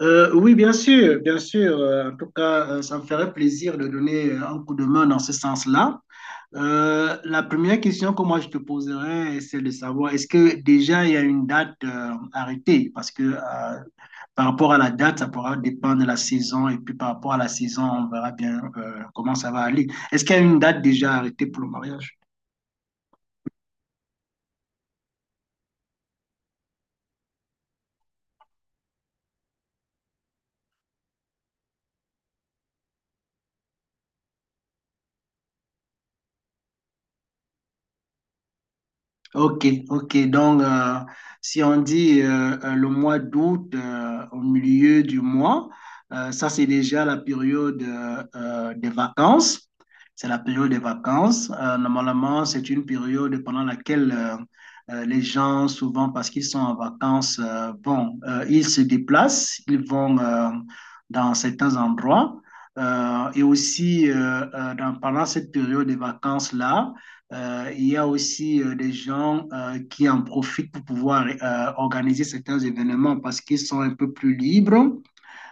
Oui, bien sûr, bien sûr. En tout cas, ça me ferait plaisir de donner un coup de main dans ce sens-là. La première question que moi je te poserais, c'est de savoir est-ce que déjà il y a une date arrêtée? Parce que par rapport à la date, ça pourra dépendre de la saison et puis par rapport à la saison, on verra bien comment ça va aller. Est-ce qu'il y a une date déjà arrêtée pour le mariage? Ok, ok. Donc, si on dit le mois d'août au milieu du mois, ça c'est déjà la période des vacances. C'est la période des vacances. Normalement, c'est une période pendant laquelle les gens, souvent parce qu'ils sont en vacances, bon, ils se déplacent, ils vont dans certains endroits. Et aussi, pendant cette période des vacances-là, il y a aussi des gens qui en profitent pour pouvoir organiser certains événements parce qu'ils sont un peu plus libres.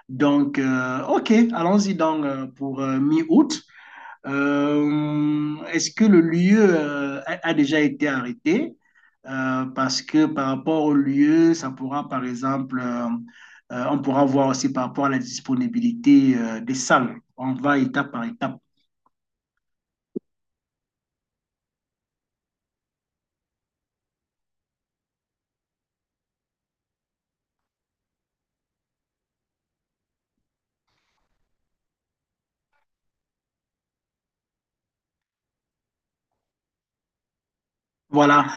Donc, OK, allons-y donc pour mi-août. Est-ce que le lieu a déjà été arrêté? Parce que par rapport au lieu, ça pourra, par exemple, on pourra voir aussi par rapport à la disponibilité des salles. On va étape par étape. Voilà,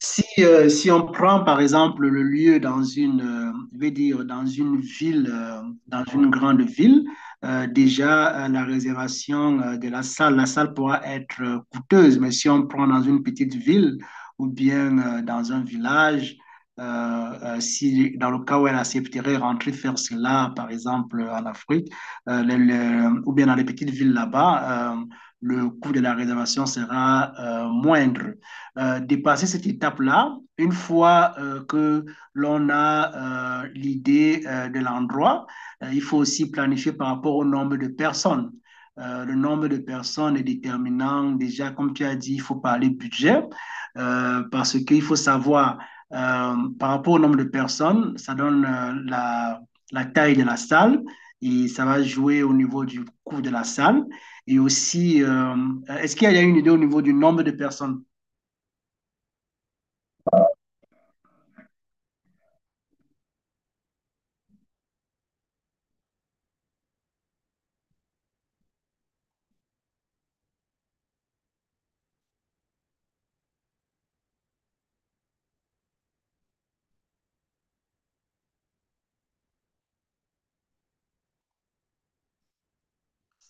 si, si on prend par exemple le lieu dans une, je vais dire, dans une ville, dans une grande ville, déjà la réservation de la salle pourra être coûteuse, mais si on prend dans une petite ville ou bien dans un village, si dans le cas où elle accepterait rentrer faire cela, par exemple en Afrique, ou bien dans les petites villes là-bas, le coût de la réservation sera moindre. Dépasser cette étape-là, une fois que l'on a l'idée de l'endroit, il faut aussi planifier par rapport au nombre de personnes. Le nombre de personnes est déterminant. Déjà, comme tu as dit, il faut parler budget parce qu'il faut savoir par rapport au nombre de personnes, ça donne la, taille de la salle et ça va jouer au niveau du coût de la salle. Et aussi, est-ce qu'il y a une idée au niveau du nombre de personnes?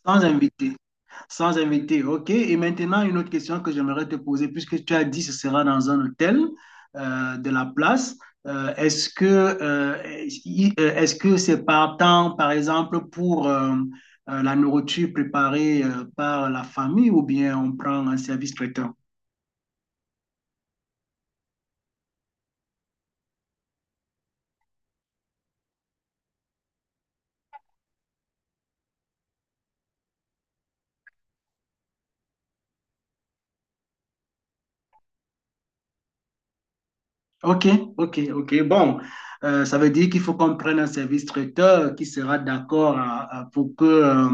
Sans invité, sans invité, ok. Et maintenant, une autre question que j'aimerais te poser, puisque tu as dit que ce sera dans un hôtel de la place, est-ce que est-ce que c'est par temps, par exemple, pour la nourriture préparée par la famille ou bien on prend un service traiteur? OK, OK, OK. Bon, ça veut dire qu'il faut qu'on prenne un service traiteur qui sera d'accord pour que euh,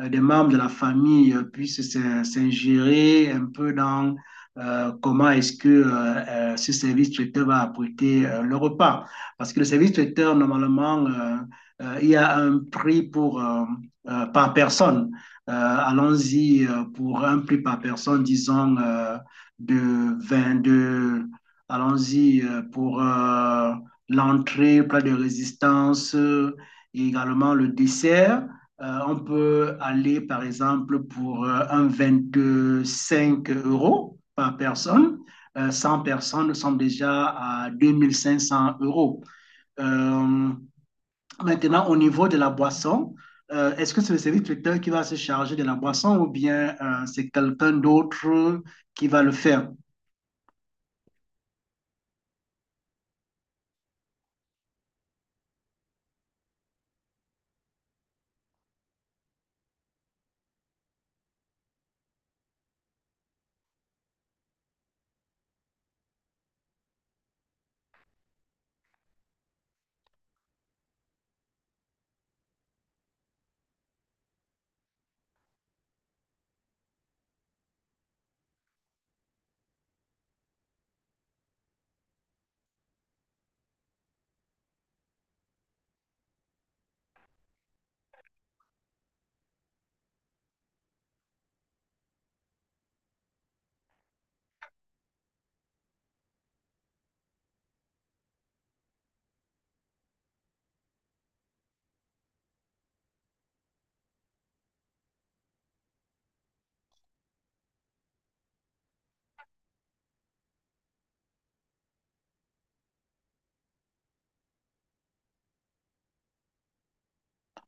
euh, des membres de la famille puissent s'ingérer un peu dans comment est-ce que ce service traiteur va apprêter le repas. Parce que le service traiteur, normalement, il y a un prix pour, par personne. Euh, Allons-y pour un prix par personne, disons, de 22. Allons-y pour l'entrée, plat de résistance et également le dessert. On peut aller, par exemple, pour un 5 euros par personne. 100 personnes, nous sommes déjà à 2500 euros. Euh, Maintenant, au niveau de la boisson, est-ce que c'est le service traiteur qui va se charger de la boisson ou bien c'est quelqu'un d'autre qui va le faire?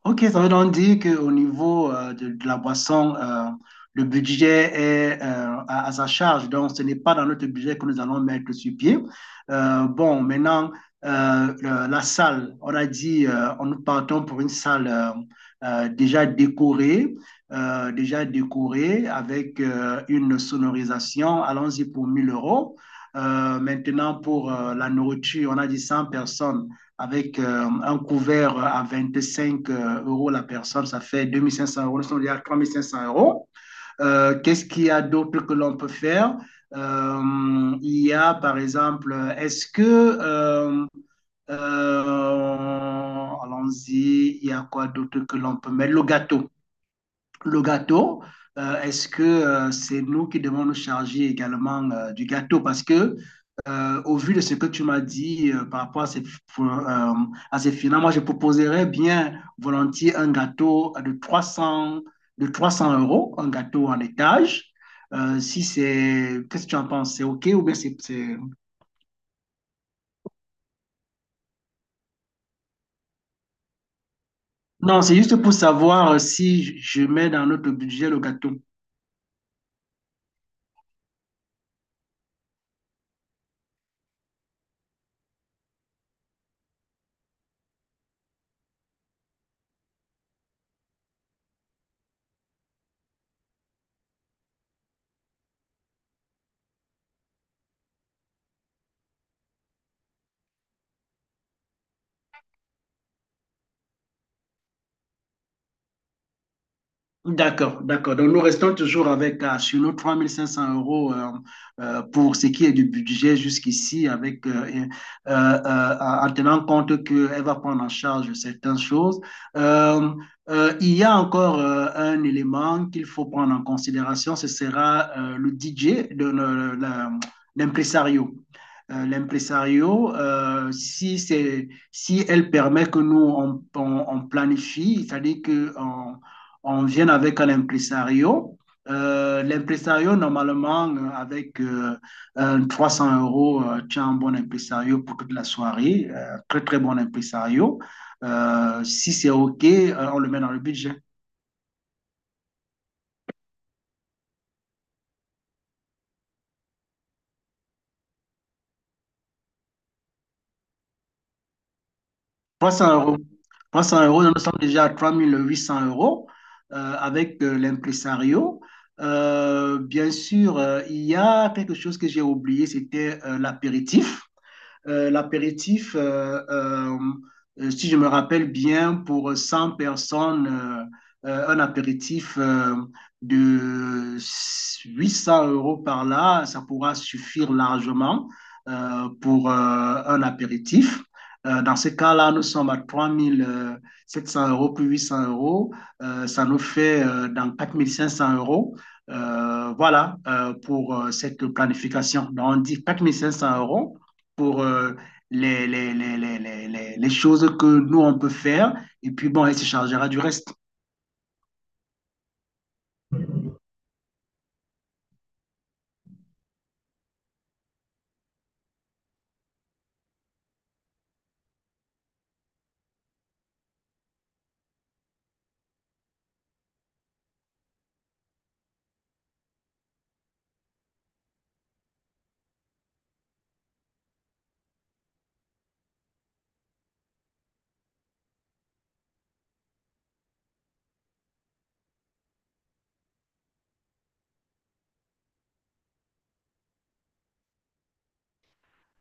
Ok, ça veut donc dire qu'au niveau de la boisson, le budget est à sa charge. Donc, ce n'est pas dans notre budget que nous allons mettre sur pied. Bon, maintenant, la salle, on a dit, nous partons pour une salle euh, déjà décorée, déjà décorée avec une sonorisation. Allons-y pour 1 000 euros. Maintenant, pour la nourriture, on a dit 100 personnes avec un couvert à 25 euros la personne, ça fait 2 500 euros, on dit à 3 500 euros. Qu'est-ce qu'il y a d'autre que l'on peut faire Il y a par exemple, est-ce que... allons-y, il y a quoi d'autre que l'on peut mettre? Le gâteau, est-ce que c'est nous qui devons nous charger également du gâteau? Parce que, au vu de ce que tu m'as dit par rapport euh, à ces finales, moi, je proposerais bien volontiers un gâteau de 300 euros, un gâteau en étage. Si c'est... Qu'est-ce que tu en penses? C'est OK ou bien Non, c'est juste pour savoir si je mets dans notre budget le gâteau. D'accord, d'accord. Donc, nous restons toujours avec sur nos 3 500 euros pour ce qui est du budget jusqu'ici, avec, et, euh, en tenant compte qu'elle va prendre en charge certaines choses. Euh, il y a encore un élément qu'il faut prendre en considération, ce sera le DJ, l'impresario. L'impresario, si c'est, si elle permet que nous on planifie, c'est-à-dire que on vient avec un impresario. L'impresario, normalement, avec 300 euros, tu as un bon impresario pour toute la soirée. Très, très bon impresario. Si c'est OK, on le met dans le budget. 300 euros. 300 euros, nous sommes déjà à 3 800 euros avec l'impresario. Bien sûr, il y a quelque chose que j'ai oublié, c'était l'apéritif. L'apéritif, si je me rappelle bien, pour 100 personnes, un apéritif de 800 euros par là, ça pourra suffire largement pour un apéritif. Dans ce cas-là, nous sommes à 3 700 euros plus 800 euros. Ça nous fait dans 4 500 euros. Voilà pour cette planification. Donc, on dit 4 500 euros pour choses que nous, on peut faire. Et puis, bon, elle se chargera du reste.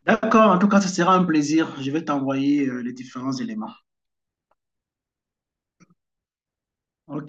D'accord, en tout cas, ce sera un plaisir. Je vais t'envoyer les différents éléments. OK.